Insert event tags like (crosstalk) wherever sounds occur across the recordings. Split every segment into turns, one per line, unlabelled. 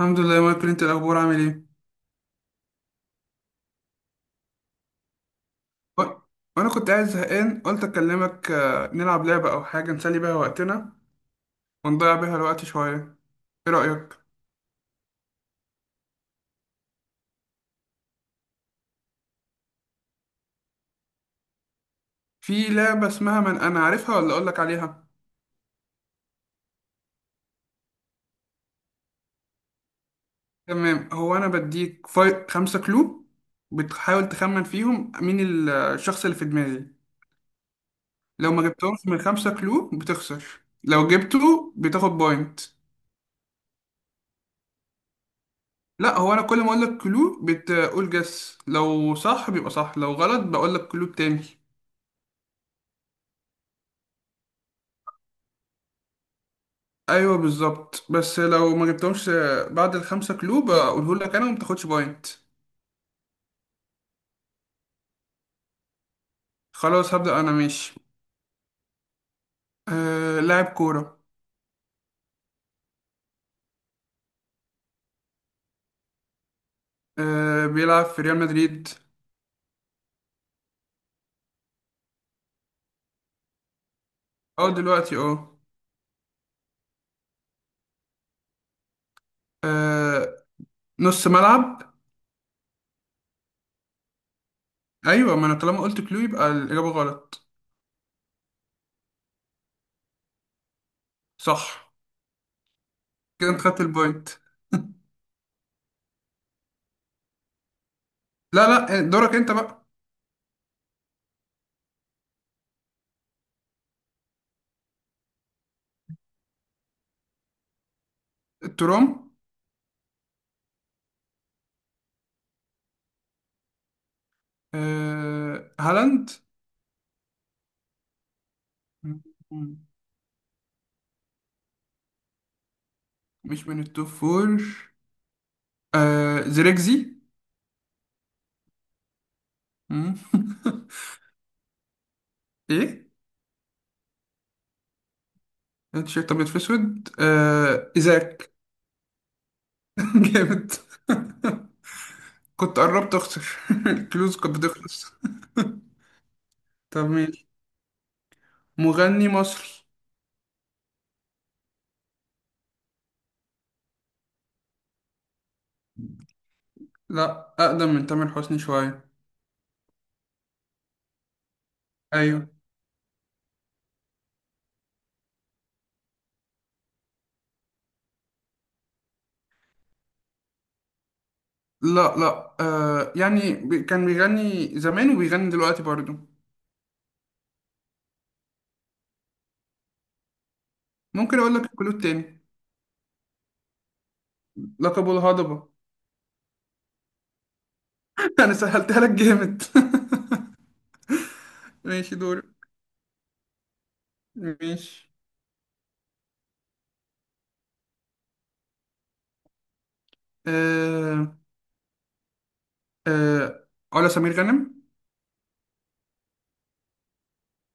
الحمد لله يا مايكل، انت الاخبار عامل ايه؟ و- وانا كنت قاعد زهقان، قلت اكلمك. نلعب لعبه او حاجه نسلي بيها وقتنا ونضيع بيها الوقت شويه. ايه رايك في لعبه اسمها من انا، عارفها ولا اقول لك عليها؟ تمام. هو انا بديك فاي خمسة كلو، بتحاول تخمن فيهم مين الشخص اللي في دماغي. لو ما جبتهمش من خمسة كلو بتخسر، لو جبته بتاخد بوينت. لا، هو انا كل ما اقول لك كلو بتقول جس، لو صح بيبقى صح، لو غلط بقول لك كلو تاني. ايوه بالظبط. بس لو ما جبتهمش بعد الخمسة كلوب بقوله لك انا وما بتاخدش بوينت. خلاص، هبدأ انا. ماشي، آه لاعب كورة. آه، بيلعب في ريال مدريد. اه دلوقتي اه. آه، نص ملعب. ايوه، ما انا طالما قلت كلو يبقى الإجابة غلط. صح. كده انت خدت البوينت. لا لا، دورك انت بقى. الترام. آه، هالاند. مم. مش من التوب فور. آه، زريكزي. مم. (laughs) ايه؟ تيشيرت ابيض في اسود، آه ازاك. (laughs) جامد. كنت قربت اخسر، (laughs) الكلوز كانت بتخلص. طب ماشي. مغني مصري. لا، اقدم من تامر حسني شويه. ايوه. لا لا، يعني كان بيغني زمان وبيغني دلوقتي برضه. ممكن اقول لك الكلود تاني. لقبه الهضبه. (laughs) انا سهلتها لك جامد. (laughs) ماشي، دور. ماشي، آه. آه، علا سمير غانم.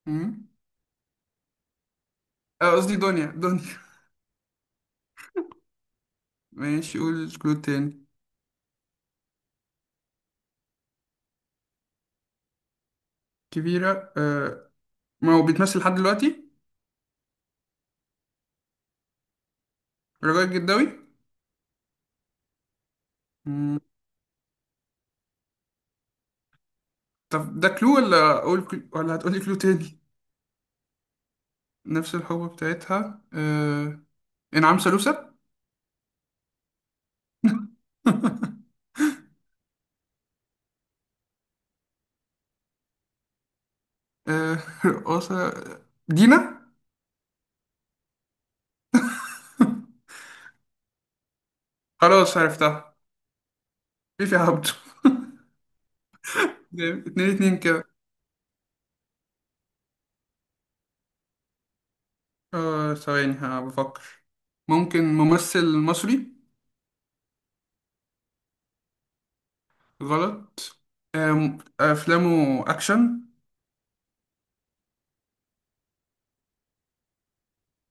مم. قصدي دنيا، دنيا. ماشي، قول كلود تاني. كبيرة آه، ما هو بيتمثل لحد دلوقتي. رجاء الجداوي. مم. طب ده كلو، ولا أقول كلو ولا هتقولي كلو تاني؟ نفس الحقبة بتاعتها آه. إنعام سالوسة. (laughs) آه، رقاصة. دينا. خلاص، عرفتها. فيفي عبده. جامد. اتنين اتنين كده. آه، ثواني ها، بفكر. ممكن ممثل مصري. غلط. آه، أفلامه أكشن.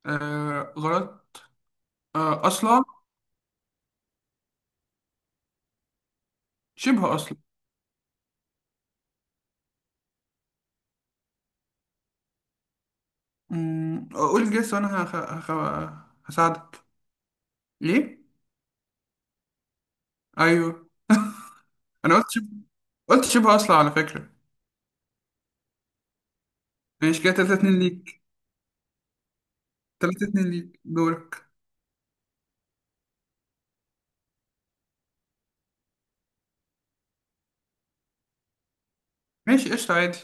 آه غلط. آه، أصلع. شبه اصلا. قول الجس وانا هساعدك. ليه؟ ايوه، انا قلت شبه، قلت شبه اصلا على فكره. ماشي كده 3-2 ليك. 3-2 ليك، دورك. ماشي قشطه، عادي.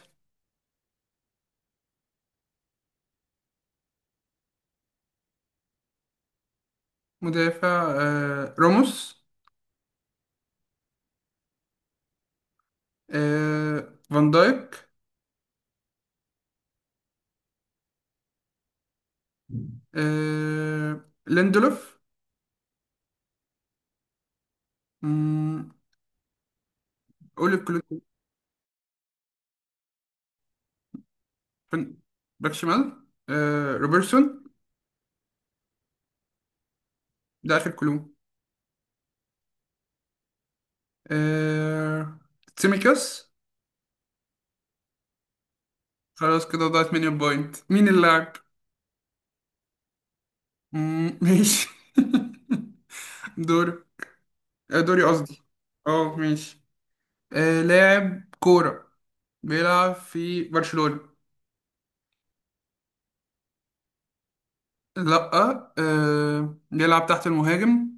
مدافع. راموس. فان دايك. ليندلوف. أمم، قول الكلو. فن- باك شمال. روبرتسون. ده اخر كلو. آه... سيميكاس. خلاص كده، ضاعت مني البوينت. مين اللاعب؟ مم، ماشي. (laughs) دوري. دوري قصدي. اه ماشي. آه، لاعب كورة بيلعب في برشلونة. لأ. آه، بيلعب تحت المهاجم.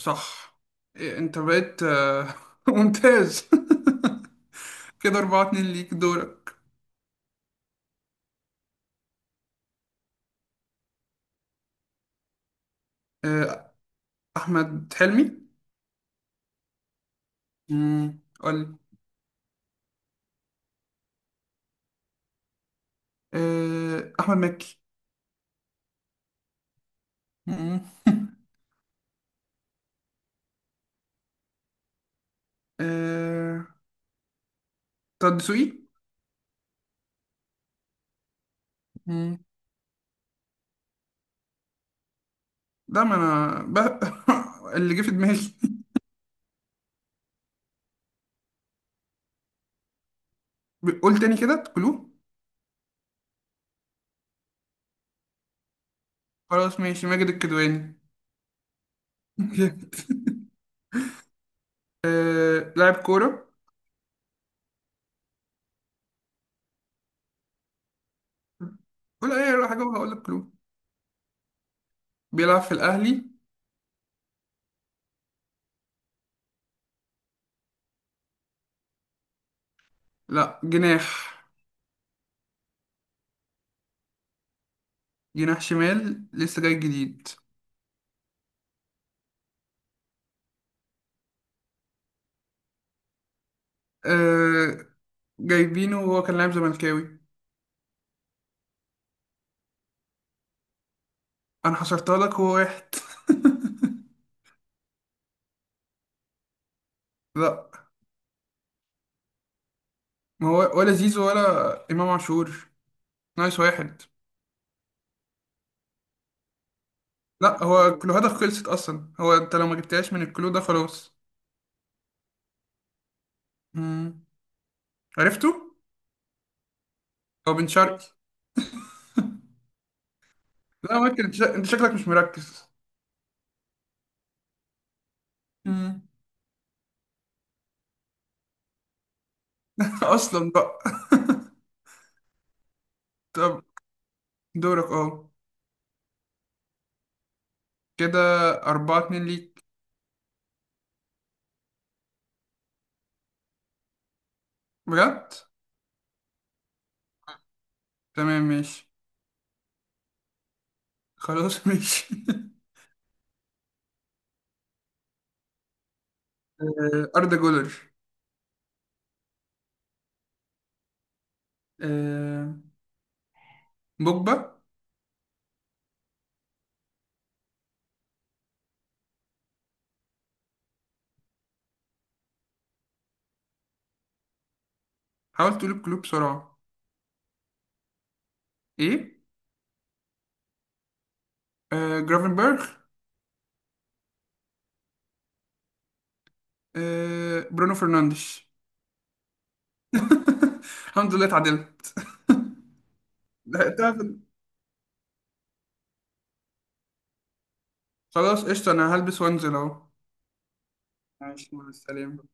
صح. إيه، انت بقيت (laughs) ممتاز. (laughs) كده أربعة اتنين ليك، دورك. آه، أحمد حلمي. مم، قولي. آه، أحمد مكي. مم. (laughs) آه، طه دسوقي. ده ما انا ب... (laughs) اللي جه في دماغي. (laughs) قول تاني، كده كلو. خلاص ماشي، ماجد الكدواني. (laughs) لاعب كورة. قول اي حاجة وهقول لك كلو. بيلعب في الاهلي. لا، جناح. جناح شمال، لسه جاي جديد. آه... جايبينه وهو كان لاعب زملكاوي. انا حصرتها لك، هو واحد. (laughs) لا، ما هو ولا زيزو ولا امام عاشور. نايس، واحد. لا، هو كلوهاتك خلصت اصلا، هو انت لو ما جبتهاش من الكلو ده خلاص. عرفته؟ هو بن شرقي. لا ممكن، انت انت شكلك مش مركز. مم. (laughs) اصلا بقى. (laughs) طب دورك اه. كده أربعة اتنين ليك. بجد؟ تمام ماشي. خلاص (laughs) ماشي. آه، أردا جولر. آه، بوجبا. حاول تقول الكلوب بسرعة. إيه؟ آه، جرافنبرغ. آه، برونو فرنانديش. (laughs) الحمد لله اتعدلت. لحقتها في خلاص قشطة. أنا هلبس وأنزل أهو. ماشي، مع السلامة.